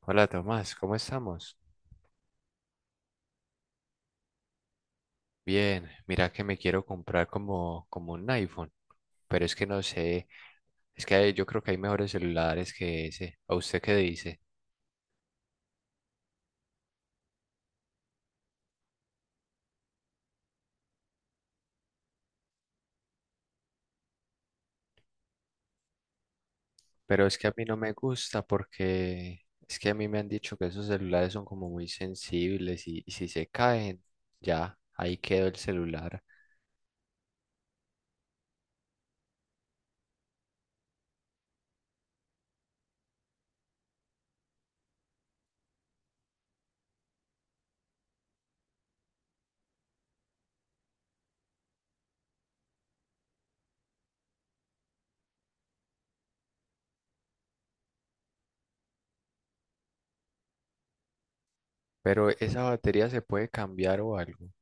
Hola Tomás, ¿cómo estamos? Bien, mira que me quiero comprar como un iPhone, pero es que no sé, es que yo creo que hay mejores celulares que ese. ¿A usted qué dice? Pero es que a mí no me gusta porque es que a mí me han dicho que esos celulares son como muy sensibles y si se caen, ya, ahí quedó el celular. Pero esa batería se puede cambiar o algo,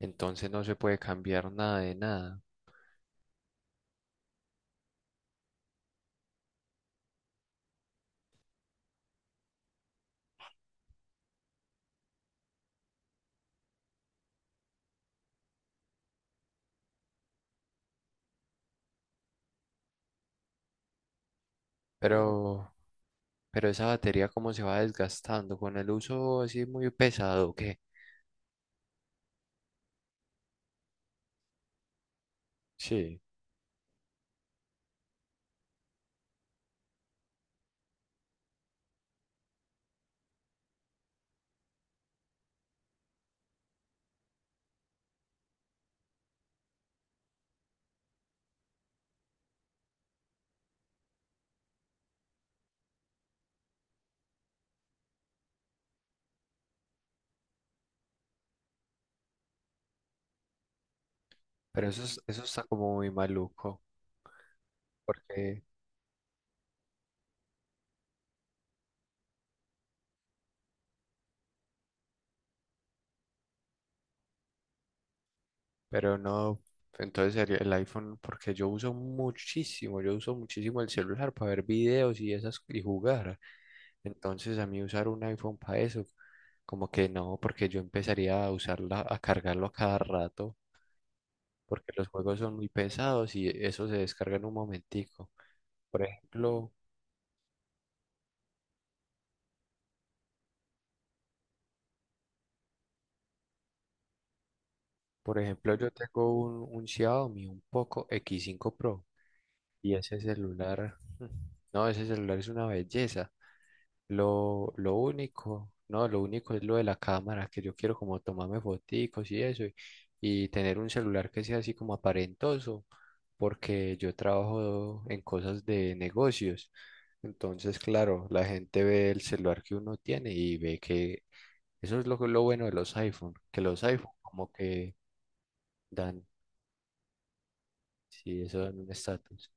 entonces no se puede cambiar nada de nada. Pero Pero esa batería como se va desgastando con el uso así muy pesado, ¿qué? Sí, pero eso, eso está como muy maluco, porque, pero no, entonces sería el iPhone, porque yo uso muchísimo el celular para ver videos y esas y jugar. Entonces a mí usar un iPhone para eso, como que no, porque yo empezaría a usarla, a cargarlo a cada rato, porque los juegos son muy pesados y eso se descarga en un momentico. Por ejemplo, Por ejemplo, yo tengo un Xiaomi, un Poco X5 Pro, y ese celular, no, ese celular es una belleza. Lo único, no, lo único es lo de la cámara, que yo quiero como tomarme foticos y eso, y tener un celular que sea así como aparentoso, porque yo trabajo en cosas de negocios. Entonces, claro, la gente ve el celular que uno tiene y ve que eso es lo bueno de los iPhone, que los iPhone como que dan. Sí, eso es un estatus.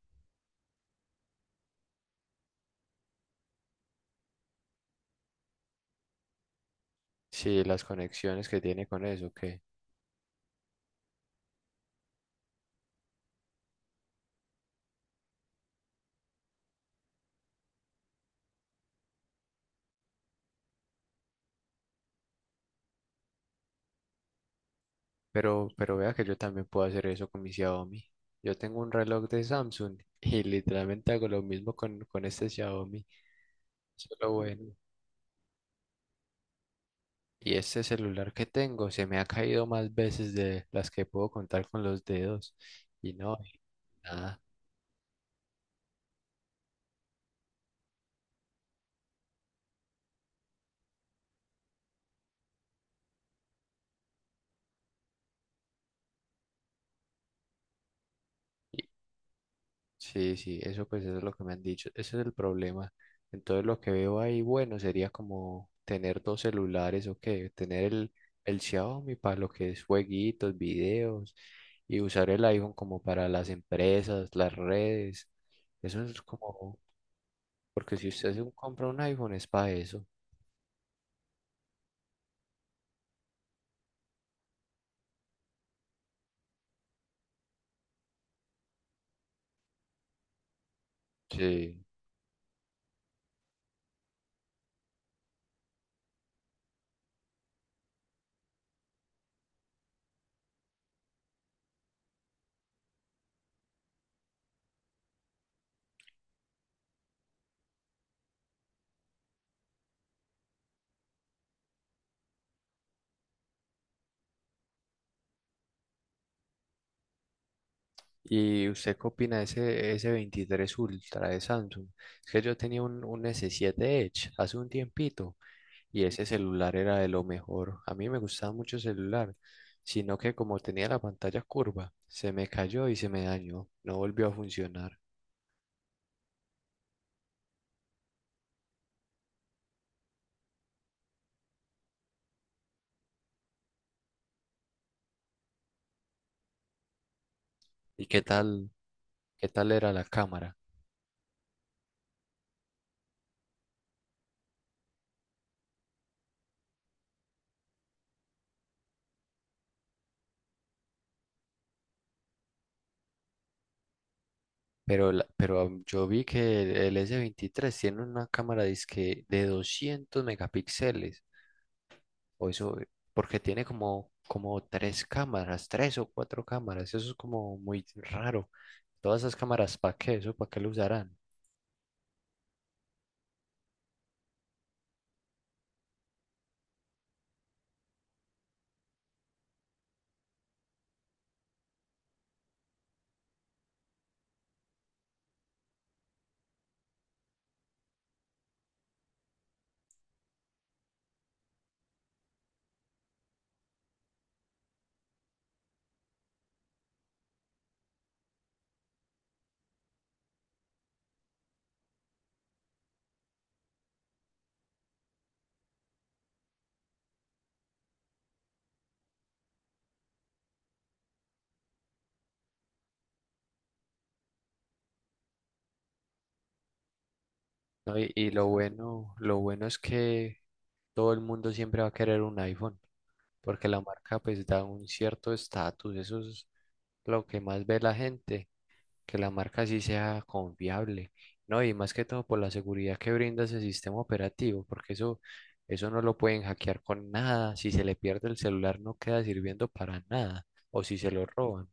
Sí, las conexiones que tiene con eso, que. Pero vea que yo también puedo hacer eso con mi Xiaomi. Yo tengo un reloj de Samsung y literalmente hago lo mismo con este Xiaomi. Eso es lo bueno. Y este celular que tengo se me ha caído más veces de las que puedo contar con los dedos. Y no, y nada. Sí, sí, eso pues eso es lo que me han dicho, ese es el problema. Entonces lo que veo ahí, bueno, sería como tener dos celulares o qué, tener el Xiaomi para lo que es jueguitos, videos y usar el iPhone como para las empresas, las redes. Eso es como, porque si usted se compra un iPhone es para eso. Sí. ¿Y usted qué opina de ese S23 Ultra de Samsung? Es que yo tenía un S7 Edge hace un tiempito. Y ese celular era de lo mejor. A mí me gustaba mucho el celular, sino que como tenía la pantalla curva, se me cayó y se me dañó. No volvió a funcionar. ¿Y qué tal era la cámara? Pero, pero yo vi que el S23 tiene una cámara dizque de 200 megapíxeles. O eso, porque tiene como, como tres cámaras, tres o cuatro cámaras. Eso es como muy raro. Todas esas cámaras, ¿para qué? ¿Eso para qué lo usarán? No, y lo bueno es que todo el mundo siempre va a querer un iPhone, porque la marca pues da un cierto estatus, eso es lo que más ve la gente, que la marca sí sea confiable, ¿no? Y más que todo por la seguridad que brinda ese sistema operativo, porque eso no lo pueden hackear con nada, si se le pierde el celular no queda sirviendo para nada, o si se lo roban.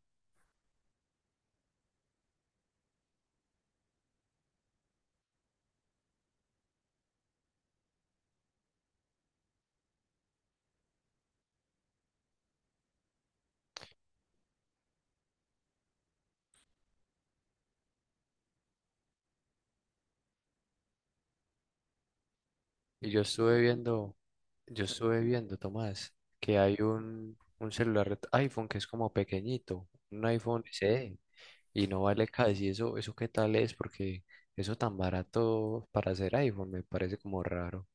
Y yo estuve viendo, Tomás, que hay un celular iPhone que es como pequeñito, un iPhone SE. Y no vale casi eso, eso qué tal es, porque eso tan barato para hacer iPhone me parece como raro.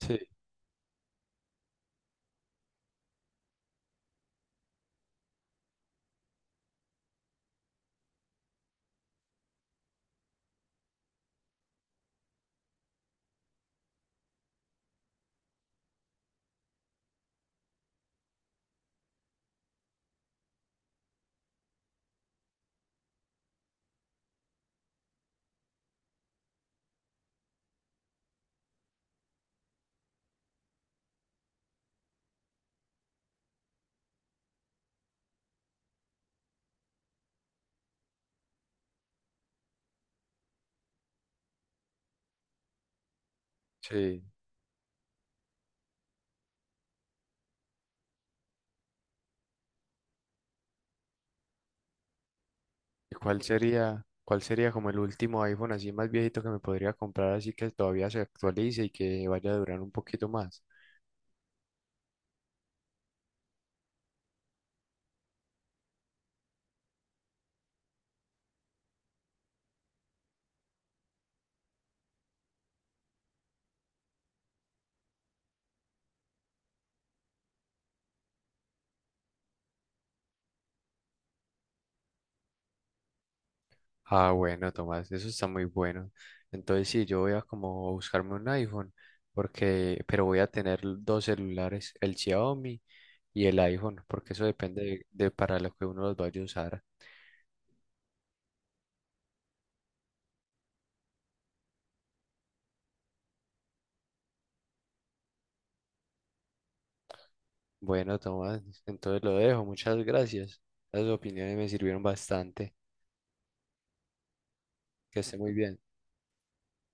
Sí, sí. ¿Y cuál sería como el último iPhone así más viejito que me podría comprar así que todavía se actualice y que vaya a durar un poquito más? Ah, bueno, Tomás, eso está muy bueno. Entonces sí, yo voy a como buscarme un iPhone porque, pero voy a tener dos celulares, el Xiaomi y el iPhone, porque eso depende de para lo que uno los vaya a usar. Bueno, Tomás, entonces lo dejo. Muchas gracias. Las opiniones me sirvieron bastante. Que esté muy bien.